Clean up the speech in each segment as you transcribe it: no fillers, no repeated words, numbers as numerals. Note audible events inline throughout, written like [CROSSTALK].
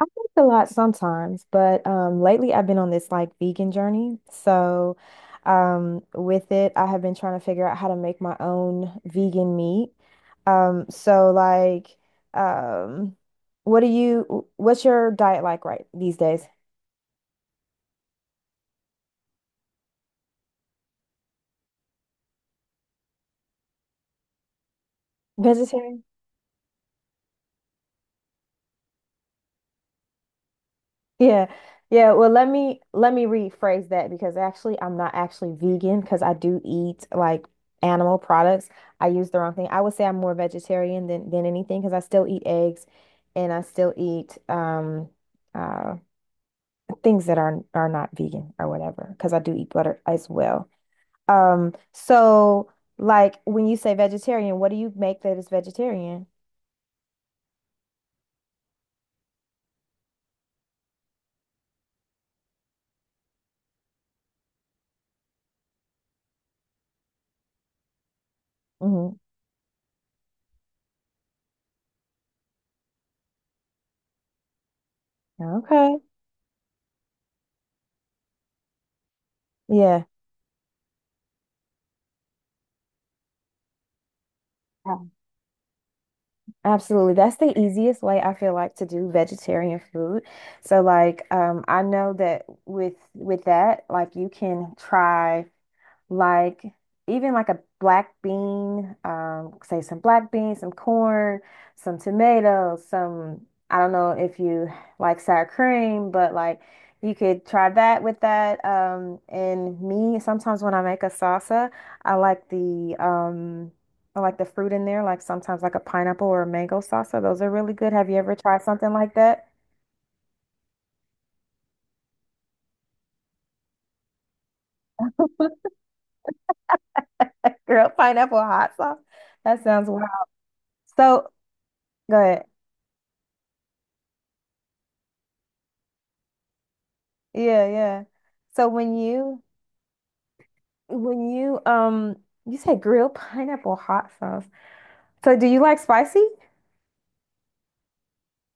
I cook a lot sometimes, but lately I've been on this like vegan journey. So, with it, I have been trying to figure out how to make my own vegan meat. Um, so like, um, what do you, what's your diet like right these days? Vegetarian? Yeah. Yeah, well let me rephrase that because actually I'm not actually vegan because I do eat like animal products. I use the wrong thing. I would say I'm more vegetarian than anything because I still eat eggs and I still eat uh things that are not vegan or whatever because I do eat butter as well. So like when you say vegetarian, what do you make that is vegetarian? Hmm. Okay. Yeah. Um, Absolutely. That's the easiest way I feel like to do vegetarian food. So like I know that with that, like you can try like even like a black bean, say some black beans, some corn, some tomatoes, some I don't know if you like sour cream, but like you could try that with that. And me, sometimes when I make a salsa, I like the um I like the fruit in there, like sometimes like a pineapple or a mango salsa. Those are really good. Have you ever tried something like that? Girl, [LAUGHS] pineapple hot sauce. That sounds wild. So good. Yeah, yeah. So when you you said grilled [LAUGHS] pineapple hot sauce. So do you like spicy?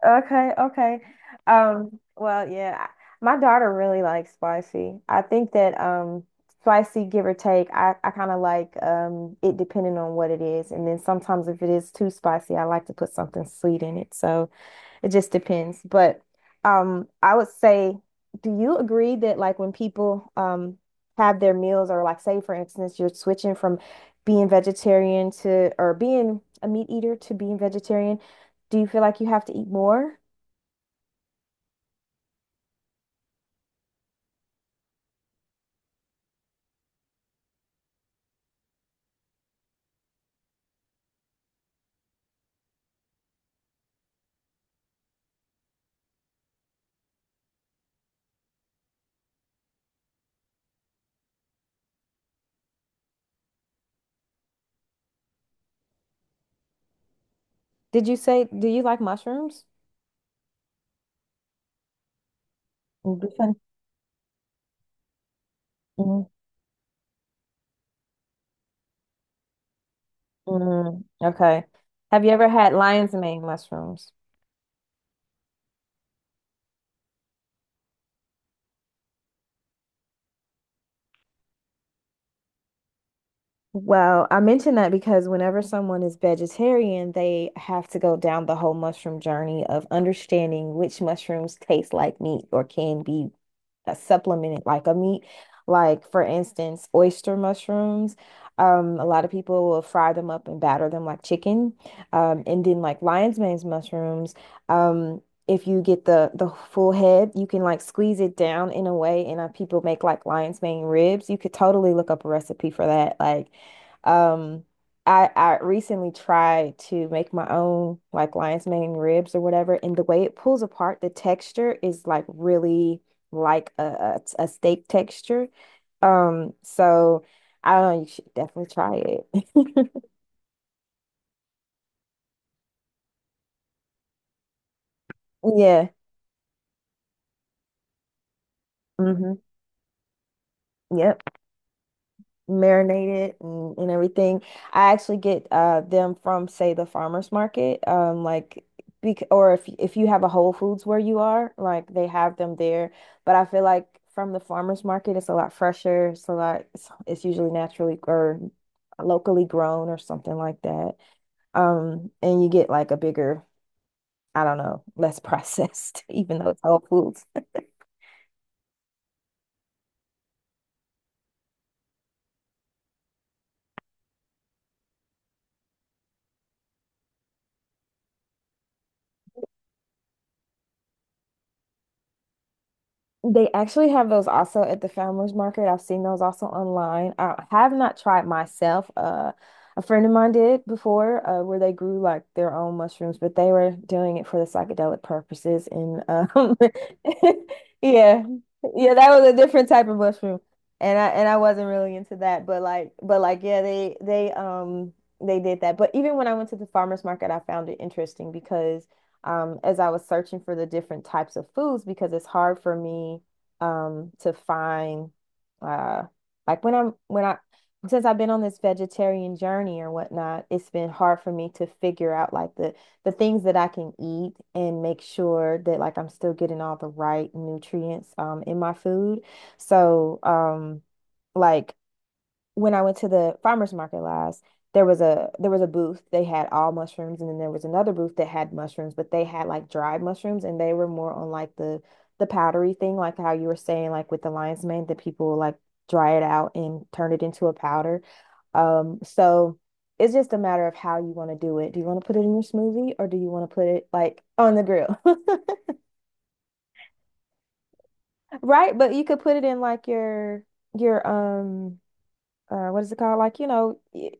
Okay, okay. Well, yeah, my daughter really likes spicy. I think that spicy, give or take, I kind of like it depending on what it is. And then sometimes if it is too spicy, I like to put something sweet in it. So it just depends. But I would say, do you agree that like when people have their meals or like say for instance you're switching from being vegetarian to or being a meat eater to being vegetarian, do you feel like you have to eat more? Did you say, do you like mushrooms? Mm, this one, mm. Mm, okay. Have you ever had lion's mane mushrooms? Well, I mention that because whenever someone is vegetarian, they have to go down the whole mushroom journey of understanding which mushrooms taste like meat or can be supplement it like a meat. Like for instance, oyster mushrooms. A lot of people will fry them up and batter them like chicken. And then like lion's mane's mushrooms. Um, if you get the full head, you can like squeeze it down in a way, and people make like lion's mane ribs. You could totally look up a recipe for that. Like, um, I recently tried to make my own like lion's mane ribs or whatever, and the way it pulls apart, the texture is like really like a steak texture. So I don't know, you should definitely try it. [LAUGHS] Yeah. Hmm. Yep. Marinated and everything. I actually get them from say the farmers market. Like bec or if you have a Whole Foods where you are, like they have them there. But I feel like from the farmers market it's a lot fresher. It's a lot it's usually naturally or locally grown or something like that. And you get like a bigger I don't know, less processed, [LAUGHS] even though it's Whole Foods. They actually have those also at the farmers market. I've seen those also online. I have not tried myself. A friend of mine did before, where they grew like their own mushrooms, but they were doing it for the psychedelic purposes. And [LAUGHS] yeah, yeah, that was a different type of mushroom, and I wasn't really into that. But like, yeah, they did that. But even when I went to the farmers market, I found it interesting because as I was searching for the different types of foods because it's hard for me to find uh, like when I'm when I since I've been on this vegetarian journey or whatnot, it's been hard for me to figure out like the things that I can eat and make sure that like I'm still getting all the right nutrients in my food. So like when I went to the farmers market last, there was a booth. They had all mushrooms, and then there was another booth that had mushrooms, but they had like dried mushrooms, and they were more on like the powdery thing, like how you were saying, like with the lion's mane, that people like dry it out and turn it into a powder. So it's just a matter of how you want to do it. Do you want to put it in your smoothie, or do you want to put it like on the grill, [LAUGHS] right? But you could put it in like your your um what is it called? Like you know.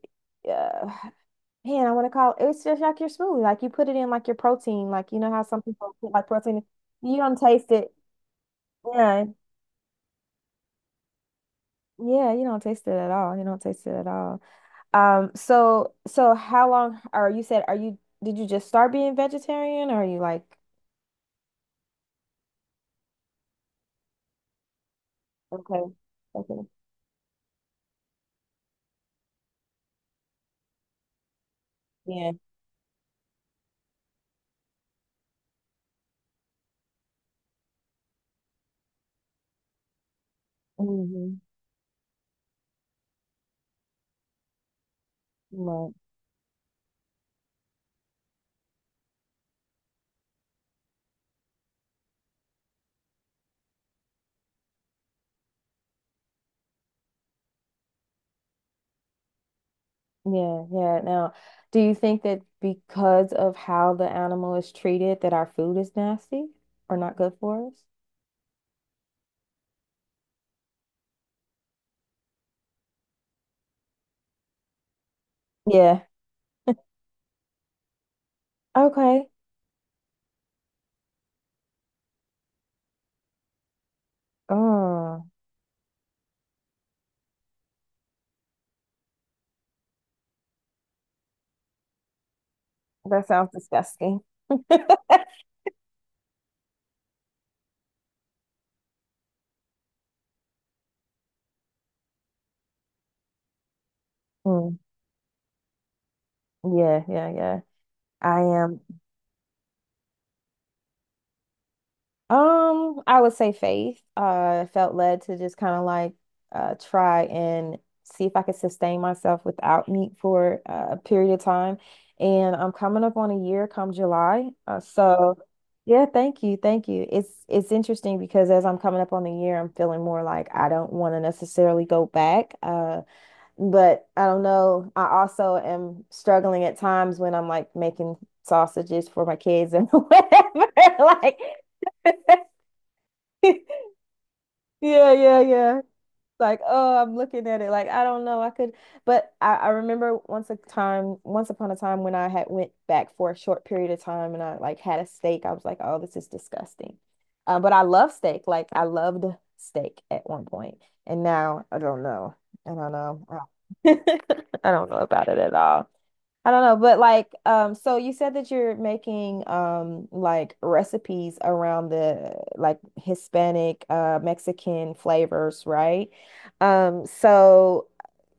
Yeah. Man, I want to call it's just like your smoothie. Like you put it in like your protein. Like you know how some people put like protein. You don't taste it. Yeah. Yeah, you don't taste it at all. You don't taste it at all. So how long are you said are you did you just start being vegetarian or are you like okay, okay. Yeah. Hmm. Right. Yeah, yeah. Now, do you think that because of how the animal is treated that our food is nasty or not good for us? Yeah. Okay. Oh. That sounds disgusting. [LAUGHS] Mm, yeah, yeah, yeah. I am. I would say faith. I felt led to just kind of like try and see if I could sustain myself without meat for a period of time. And I'm coming up on a year come July. So yeah, thank you, thank you. It's interesting because as I'm coming up on the year, I'm feeling more like I don't want to necessarily go back. But I don't know. I also am struggling at times when I'm like making sausages for my kids and [LAUGHS] whatever. [LAUGHS] Like, [LAUGHS] yeah, yeah, yeah. Like, oh, I'm looking at it. Like, I don't know. I could, but I remember once upon a time when I had went back for a short period of time and I like had a steak. I was like, oh, this is disgusting. But I love steak. Like, I loved steak at one point, and now I don't know. I don't know. I don't [LAUGHS] I don't know about it at all. I don't know, but like, so you said that you're making like recipes around the like Hispanic, Mexican flavors, right? So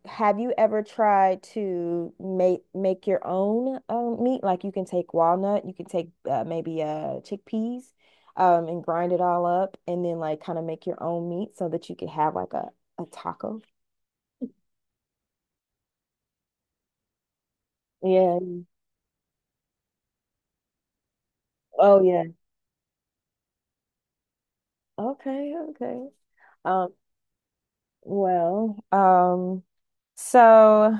have you ever tried to make your own meat? Like you can take walnut, you can take maybe chickpeas, and grind it all up, and then like kind of make your own meat so that you could have like a taco. Yeah. Oh yeah. Okay. Okay. Um, Well, so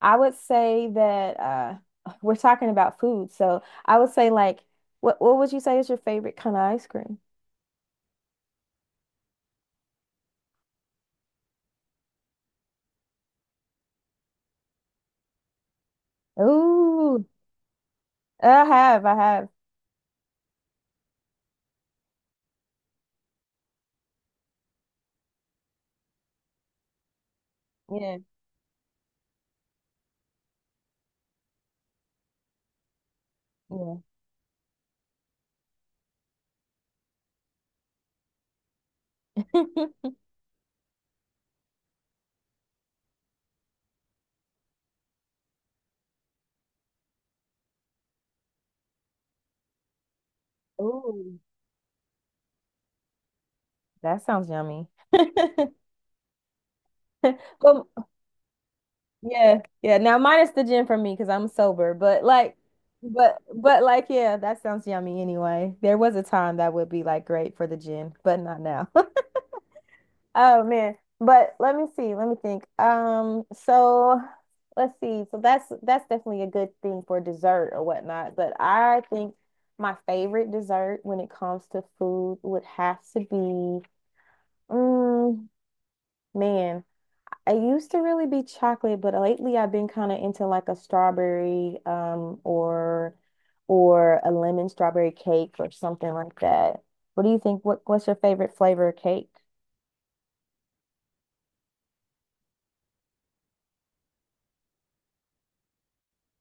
I would say that [LAUGHS] we're talking about food. So I would say like what would you say is your favorite kind of ice cream? Ooh, I have, I have. Yeah, yeah. [LAUGHS] Ooh, that sounds yummy. [LAUGHS] Well, yeah, yeah. Now minus the gin for me because I'm sober, but like yeah, that sounds yummy anyway. There was a time that would be like great for the gin, but not now. [LAUGHS] Oh man. But let me see. Let me think. So let's see. So that's definitely a good thing for dessert or whatnot. But I think my favorite dessert when it comes to food would have to be, mm, man, I used to really be chocolate, but lately I've been kind of into like a strawberry, or a lemon strawberry cake or something like that. What do you think? What's your favorite flavor of cake?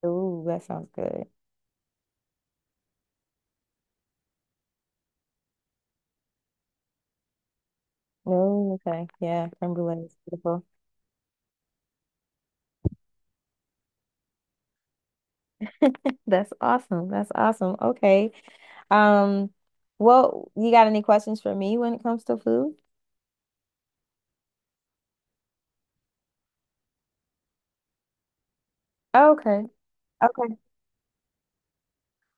Ooh, that sounds good. Oh, okay. Yeah, creme brulee is beautiful. That's awesome. That's awesome. Okay. Um, well, you got any questions for me when it comes to food? Okay. Okay.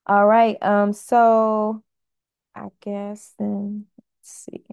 All right. So I guess then let's see.